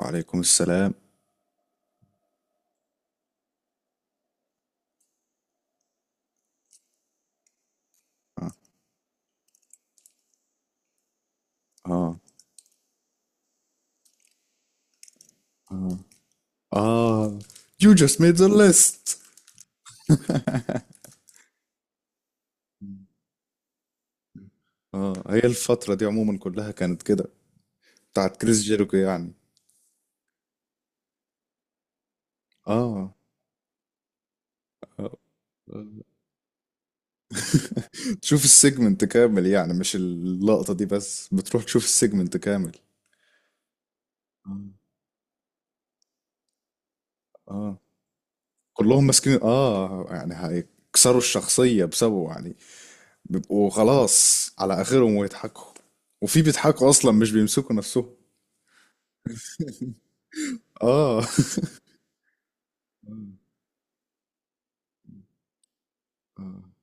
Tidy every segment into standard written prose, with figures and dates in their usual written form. وعليكم السلام. اه. اه. اه. آه. You just made the list. اه، هي الفترة دي عموما كلها كانت كده بتاعت كريس جيريكو يعني. اه. آه. تشوف السيجمنت كامل يعني، مش اللقطة دي بس، بتروح تشوف السيجمنت كامل. اه. آه. كلهم ماسكين، اه يعني هيكسروا الشخصية بسببه يعني. بيبقوا خلاص على آخرهم ويضحكوا، وفي بيضحكوا أصلا مش بيمسكوا نفسهم. اه.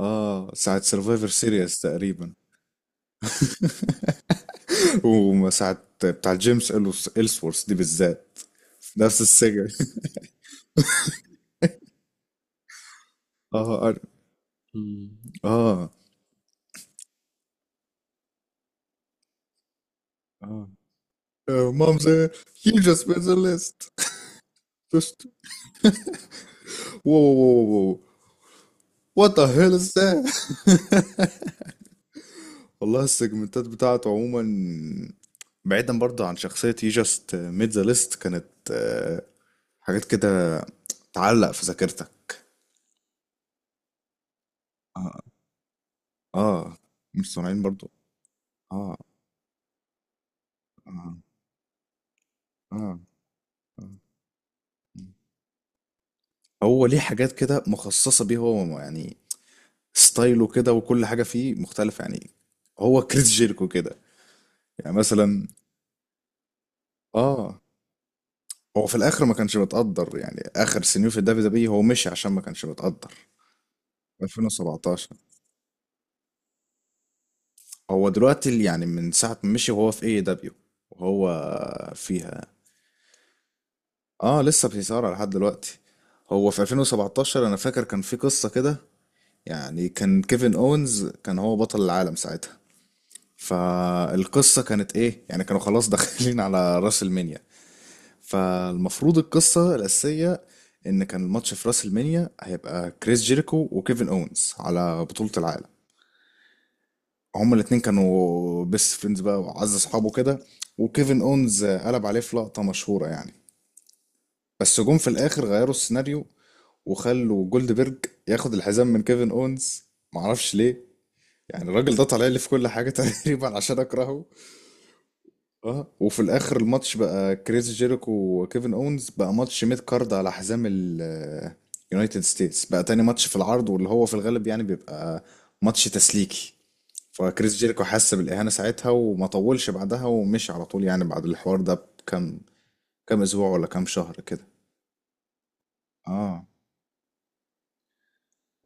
اه، ساعة سرفايفر سيريس تقريبا. وساعة بتاع جيمس إلسورث دي بالذات، في نفس السجن. اه أنا- اه مامز. You just made the list. Just. واو واو واو واو. What the hell is that. والله السيجمنتات بتاعته عموما، بعيدا برضه عن شخصية you just made the list، كانت آه، حاجات كده تعلق في ذاكرتك. اه. آه، مش صانعين برضه. اه. آه. آه. آه. هو ليه حاجات كده مخصصة بيه هو يعني؟ ستايله كده وكل حاجة فيه مختلفة يعني. هو كريس جيركو كده. يعني مثلا اه، هو في الآخر ما كانش متقدر يعني، آخر سنين في الدبليو دبليو هو مشي عشان ما كانش متقدر. 2017. هو دلوقتي يعني من ساعة ما مشي وهو في اي دبليو، وهو فيها. اه، لسه في إثارة لحد دلوقتي. هو في 2017 انا فاكر كان في قصة كده. يعني كان كيفن اونز كان هو بطل العالم ساعتها. فالقصة كانت ايه يعني، كانوا خلاص داخلين على راس المنيا. فالمفروض القصة الأساسية ان كان الماتش في راس المنيا هيبقى كريس جيريكو وكيفن اونز على بطولة العالم. هما الاتنين كانوا بيست فريندز بقى وعز اصحابه كده. وكيفن اونز قلب عليه في لقطة مشهورة يعني. بس جم في الاخر غيروا السيناريو، وخلوا جولدبرج ياخد الحزام من كيفن اونز، معرفش ليه. يعني الراجل ده طالع لي في كل حاجة تقريبا عشان اكرهه. اه، وفي الاخر الماتش بقى كريس جيريكو وكيفن اونز، بقى ماتش ميد كارد على حزام اليونايتد ستيتس، بقى تاني ماتش في العرض، واللي هو في الغالب يعني بيبقى ماتش تسليكي. فكريس جيريكو حس بالاهانه ساعتها، وما طولش بعدها ومشي على طول، يعني بعد الحوار ده بكام اسبوع ولا كام شهر كده. اه.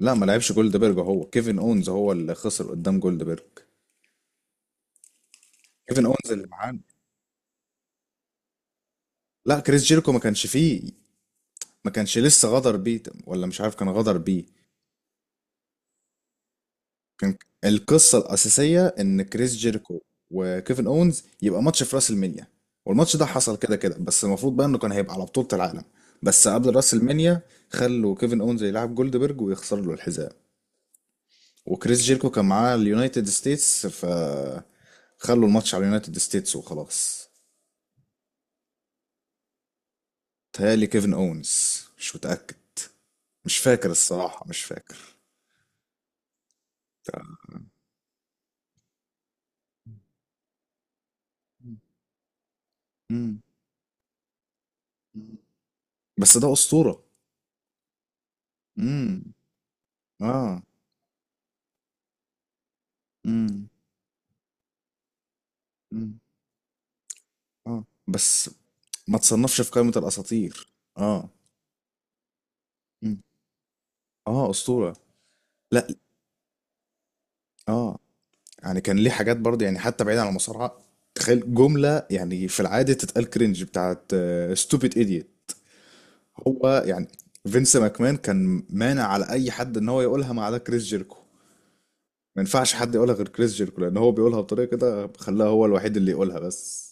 لا، ما لعبش جولدبرج، هو كيفن اونز هو اللي خسر قدام جولدبرج. كيفن اونز اللي معانا، لا كريس جيريكو ما كانش فيه. ما كانش لسه غدر بيه، ولا مش عارف كان غدر بيه. كان. القصة الأساسية إن كريس جيريكو وكيفن أونز يبقى ماتش في راس المنيا. والماتش ده حصل كده كده، بس المفروض بقى إنه كان هيبقى على بطولة العالم، بس قبل راس المنيا. خلوا كيفن أونز يلعب جولدبرج ويخسر له الحزام. وكريس جيريكو كان معاه اليونايتد ستيتس، ف خلوا الماتش على اليونايتد ستيتس وخلاص. تهيألي كيفن أونز، مش متأكد، مش فاكر الصراحة، مش فاكر. مم. بس ده أسطورة. امم. اه. امم. اه بس. ما تصنفش في قائمة الأساطير. اه. مم. اه أسطورة. لا. اه، يعني كان ليه حاجات برضه يعني، حتى بعيد عن المصارعة. تخيل جملة يعني في العادة تتقال كرنج، بتاعت ستوبيد ايديوت. هو يعني فينس ماكمان كان مانع على أي حد إن هو يقولها ما عدا كريس جيركو. ما ينفعش حد يقولها غير كريس جيركو، لأن هو بيقولها بطريقة كده خلاها هو الوحيد اللي يقولها بس.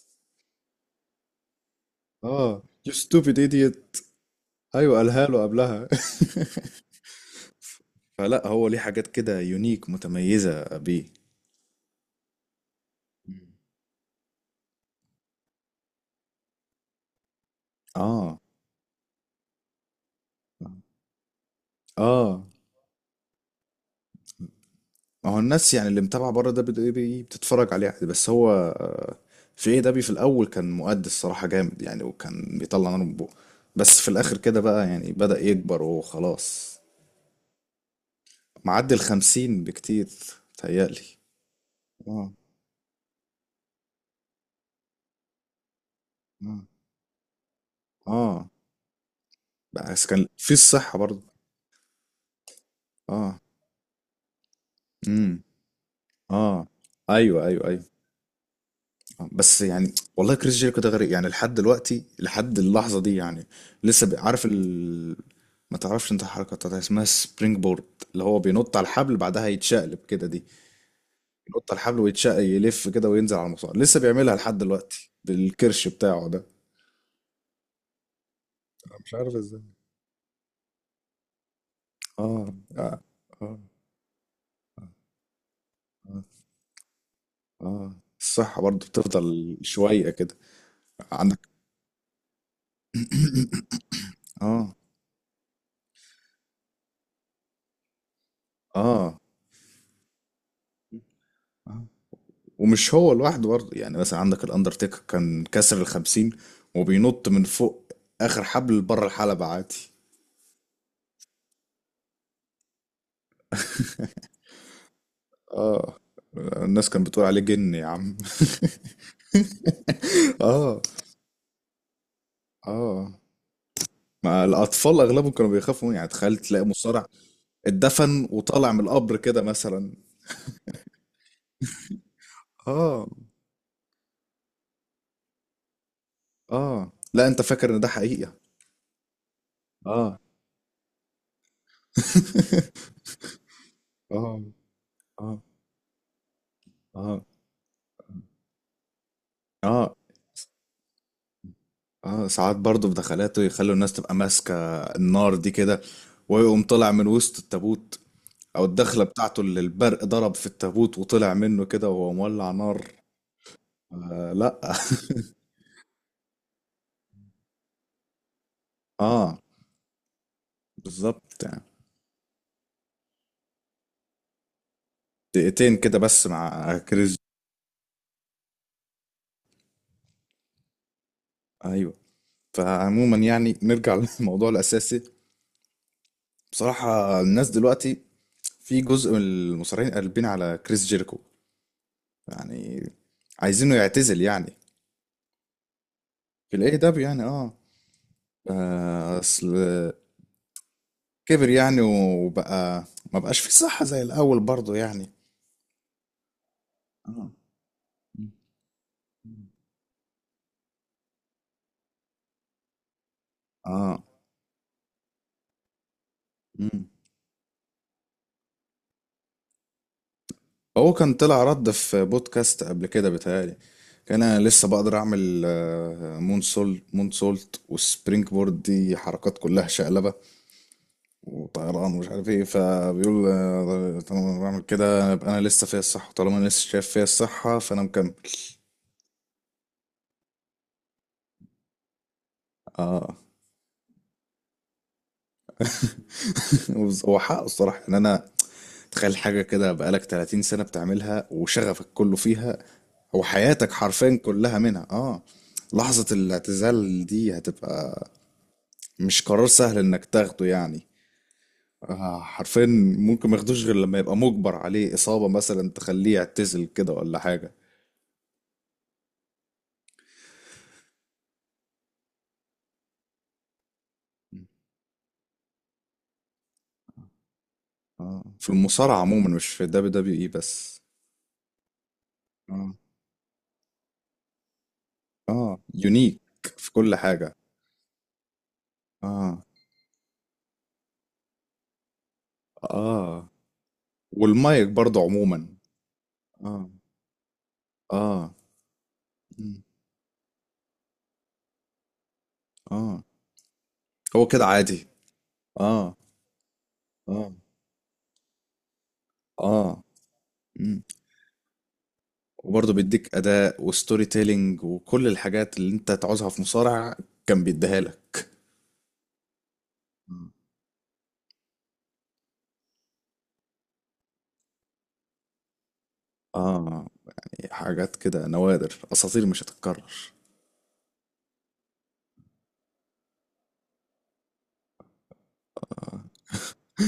اه، يو ستوبيد ايديوت. أيوه قالها له قبلها. فلا هو ليه حاجات كده يونيك متميزة بيه. مم. اه. اه، ما هو الناس يعني اللي متابعة بره ده بتتفرج عليه عادي، بس هو في ايه دبي في الاول كان مؤدي الصراحة جامد يعني، وكان بيطلع نار من بقه. بس في الاخر كده بقى يعني بدأ يكبر وخلاص. معدي الخمسين بكتير، تهيألي. اه. اه. اه. بس كان في الصحة برضه. اه. امم. اه. ايوه ايوه ايوه. بس يعني والله كريس جيريكو ده غريب يعني، لحد دلوقتي لحد اللحظة دي يعني. لسه عارف ال... ما تعرفش انت الحركة بتاعتها اسمها سبرينج بورد، اللي هو بينط على الحبل بعدها يتشقلب كده دي. ينط على الحبل ويتشقلب يلف كده وينزل على المصارع. لسه بيعملها لحد دلوقتي بالكرش بتاعه ده. أنا مش عارف ازاي. اه. اه. اه. اه. آه. الصحة برضه بتفضل شوية كده. عندك. اه. اه. آه. ومش هو لوحده برضه، يعني مثلا عندك الاندرتيكر كان كسر الخمسين، وبينط من فوق اخر حبل بره الحلبة عادي. اه، الناس كانت بتقول عليه جن يا عم. اه. اه. ما الاطفال اغلبهم كانوا بيخافوا منه، يعني تخيل تلاقي مصارع اتدفن وطالع من القبر كده مثلا. اه. اه لا، انت فاكر ان ده حقيقة. اه. اه. اه. اه. اه. اه، ساعات برضه في دخلاته يخلوا الناس تبقى ماسكة النار دي كده، ويقوم طلع من وسط التابوت، او الدخلة بتاعته اللي البرق ضرب في التابوت وطلع منه كده وهو مولع نار. آه لا. اه. بالظبط يعني. دقيقتين كده بس مع كريس. ايوه. فعموما يعني نرجع للموضوع الاساسي. بصراحة الناس دلوقتي في جزء من المصارعين قلبين على كريس جيريكو، يعني عايزينه يعتزل يعني. في الاي دبليو يعني، اه. اصل كبر يعني وبقى ما بقاش فيه صحة زي الأول برضه يعني. اه. مم. اه. مم. هو كان طلع رد في بودكاست قبل كده بيتهيألي، كان انا لسه بقدر اعمل مون سولت والسبرينج بورد، دي حركات كلها شقلبه وطيران ومش عارف ايه. فبيقول طالما انا بعمل كده يبقى انا لسه فيا الصحه، طالما انا لسه شايف فيا الصحه فانا مكمل. اه. هو حقه الصراحه، ان انا تخيل حاجة كده بقالك 30 سنة بتعملها وشغفك كله فيها، وحياتك حرفيا كلها منها. اه. لحظة الاعتزال دي هتبقى مش قرار سهل انك تاخده يعني. آه حرفيا. ممكن ما ياخدوش غير لما يبقى مجبر عليه، إصابة مثلا تخليه يعتزل كده ولا حاجة. اه، في المصارعة عموما مش في الدبليو دبليو اي بس. اه. اه يونيك في كل حاجة. اه. اه، والمايك برضه عموما. اه. اه. مم. اه. هو كده عادي. اه. اه. اه. مم. وبرضه بيديك اداء وستوري تيلينج وكل الحاجات اللي انت تعوزها في مصارع كان بيديها لك. اه، حاجات كده نوادر، اساطير مش هتتكرر.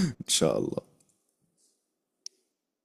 ان شاء الله.